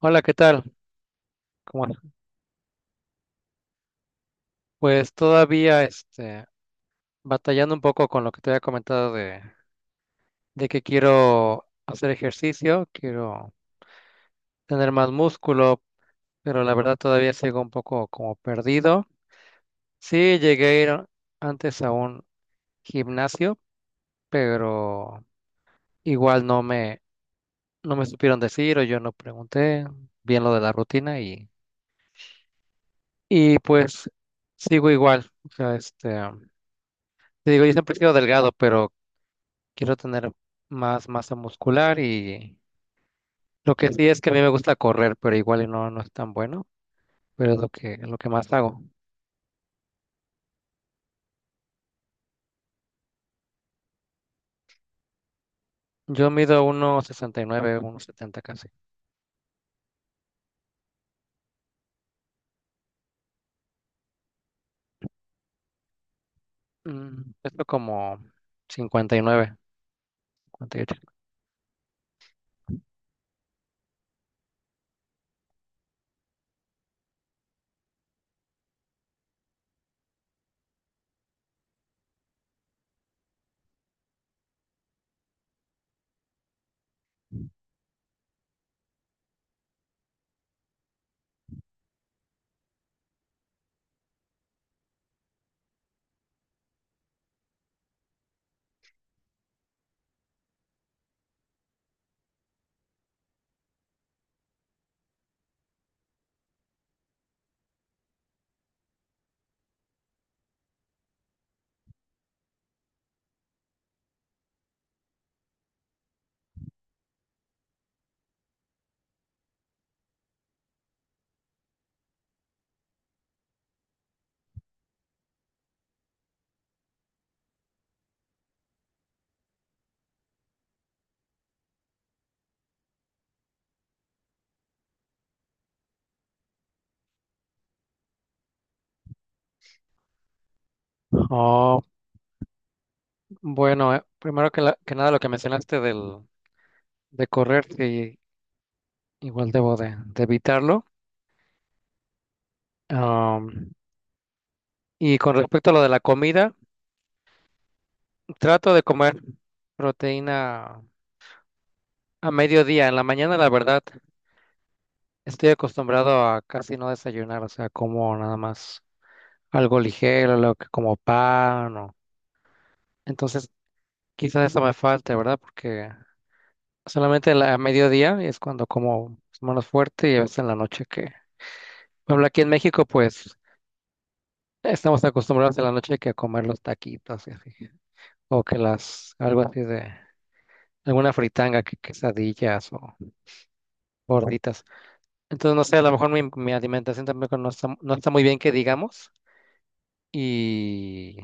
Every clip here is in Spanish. Hola, ¿qué tal? ¿Cómo andas? Pues todavía batallando un poco con lo que te había comentado de que quiero hacer ejercicio, quiero tener más músculo, pero la verdad todavía sigo un poco como perdido. Sí, llegué a ir antes a un gimnasio, pero igual no me supieron decir o yo no pregunté bien lo de la rutina y pues sigo igual. O sea, te digo, yo siempre he sido delgado, pero quiero tener más masa muscular y lo que sí es que a mí me gusta correr, pero igual y no es tan bueno, pero es lo que más hago. Yo mido uno sesenta y nueve uno setenta casi. Esto como 59, 58. Oh, bueno, primero que nada lo que mencionaste de correr, sí, igual debo de evitarlo. Am, y con respecto a lo de la comida, trato de comer proteína a mediodía. En la mañana, la verdad, estoy acostumbrado a casi no desayunar, o sea, como nada más algo ligero, lo que como pan o... Entonces, quizás eso me falte, ¿verdad? Porque solamente a mediodía es cuando como menos fuerte y a veces en la noche que... Por ejemplo, aquí en México, pues, estamos acostumbrados en la noche que a comer los taquitos y así. O que las, algo así de, alguna fritanga, que quesadillas o gorditas. Entonces, no sé, a lo mejor mi alimentación tampoco no está muy bien que digamos. Y.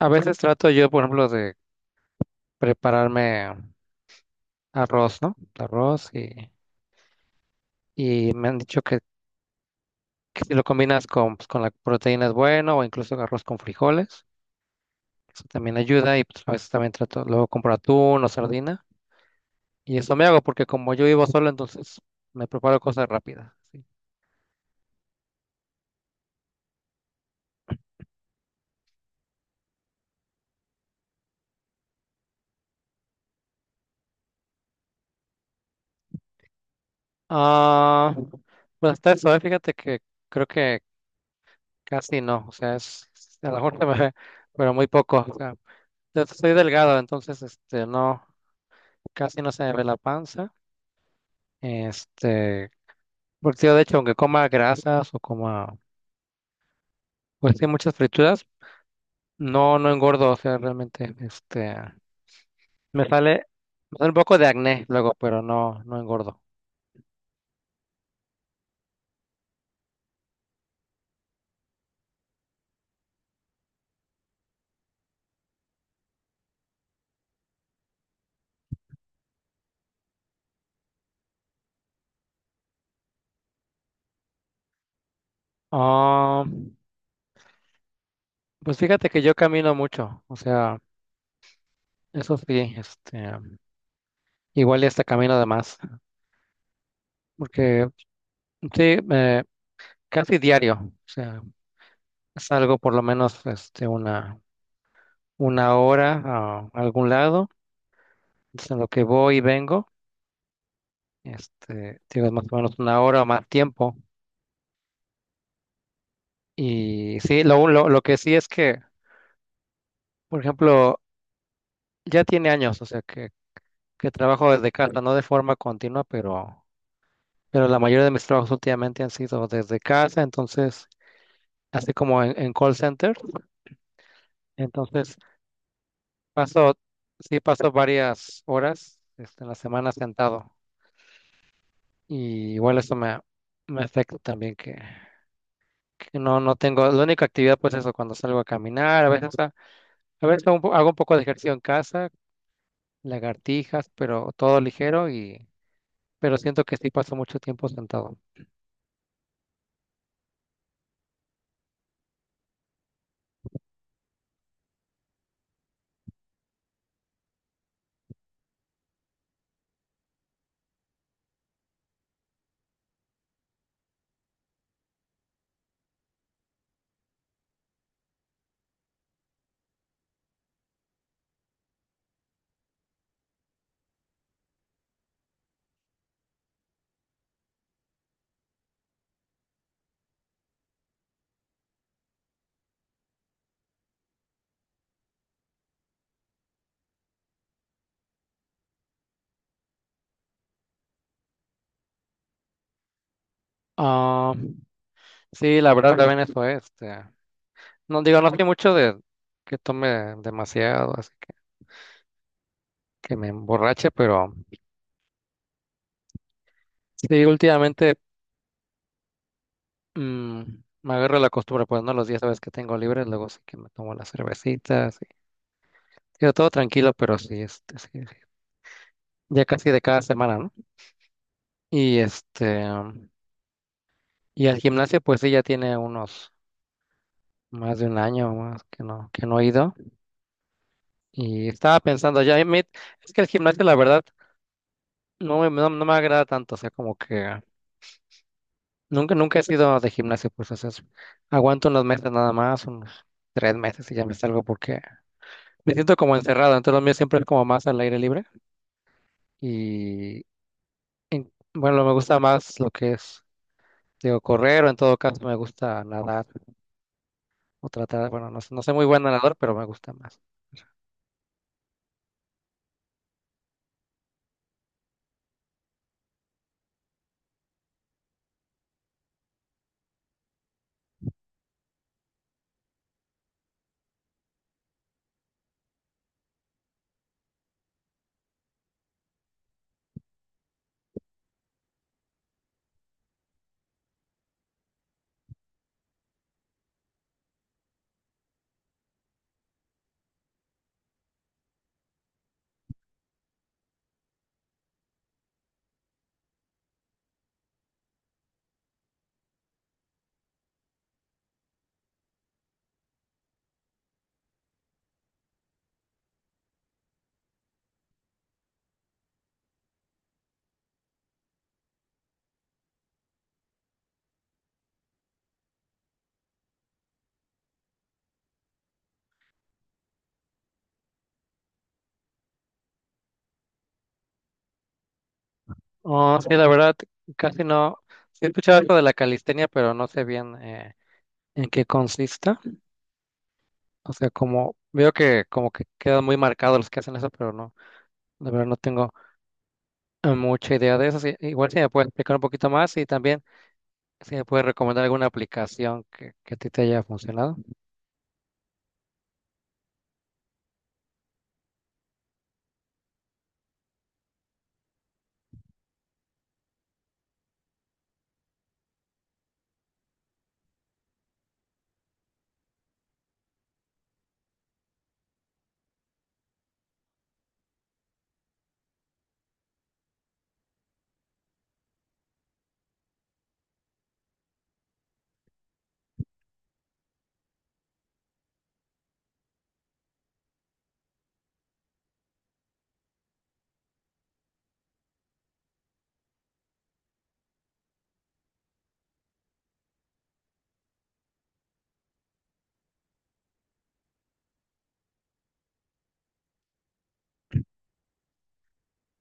A veces trato yo, por ejemplo, de prepararme arroz, ¿no? Arroz y me han dicho que si lo combinas con, pues, con la proteína es bueno o incluso arroz con frijoles. Eso también ayuda y pues, a veces también trato, luego compro atún o sardina y eso me hago porque como yo vivo solo, entonces me preparo cosas rápidas. ¿Sí? Ah, pues hasta eso, ¿eh? Fíjate que creo que casi no, o sea, a lo mejor se me ve, pero muy poco. O sea, yo soy delgado, entonces no. Casi no se me ve la panza. Este, porque yo de hecho, aunque coma grasas o coma, pues sí, muchas frituras, no engordo, o sea, realmente, me sale, me sale un poco de acné luego, pero no engordo. Ah, pues fíjate que yo camino mucho, o sea, eso sí, igual y hasta camino además, porque sí, casi diario, o sea, salgo por lo menos, una hora a algún lado, entonces, en lo que voy y vengo. Digo, es más o menos una hora o más tiempo. Y sí, lo que sí es que, por ejemplo, ya tiene años, o sea, que trabajo desde casa, no de forma continua, pero la mayoría de mis trabajos últimamente han sido desde casa, entonces, así como en call center, entonces paso, sí paso varias horas, en la semana sentado. Y igual eso me afecta también que no tengo, la única actividad pues eso, cuando salgo a caminar. A veces hago un poco de ejercicio en casa, lagartijas, pero todo ligero pero siento que sí paso mucho tiempo sentado. Ah, sí, la verdad también eso es. No digo, no soy mucho de que tome demasiado, así que me emborrache, pero sí, últimamente mm, me agarro la costumbre, pues no, los días sabes que tengo libres, luego sí que me tomo las cervecitas, y, digo, todo tranquilo, pero sí, sí, sí, ya casi de cada semana, ¿no? Y este, y al gimnasio, pues sí, ya tiene unos más de un año más que no he ido. Y estaba pensando, ya, es que el gimnasio, la verdad, no me agrada tanto. O sea, como que nunca, nunca he sido de gimnasio, pues, o sea, aguanto unos meses nada más, unos tres meses y ya me salgo porque me siento como encerrado. Entonces, lo mío siempre es como más al aire libre. Y bueno, me gusta más lo que es, digo, correr o en todo caso me gusta nadar o tratar, bueno, no soy muy buen nadador, pero me gusta más. Oh, sí, la verdad, casi no. Sí he escuchado algo de la calistenia, pero no sé bien en qué consista. O sea, como veo que como que quedan muy marcados los que hacen eso, pero no, la verdad no tengo mucha idea de eso. Sí, igual si me puedes explicar un poquito más y también si me puedes recomendar alguna aplicación que a ti te haya funcionado.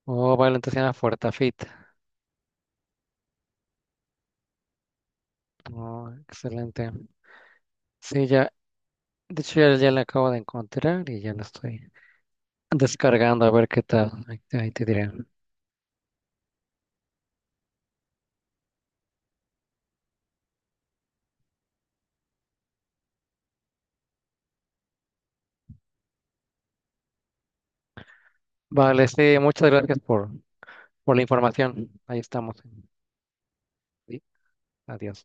Oh, vale, entonces se llama FortaFit. Oh, excelente. Sí, ya, de hecho ya la acabo de encontrar y ya la estoy descargando a ver qué tal. Ahí te diré. Vale, sí, muchas gracias por la información. Ahí estamos. Sí, adiós.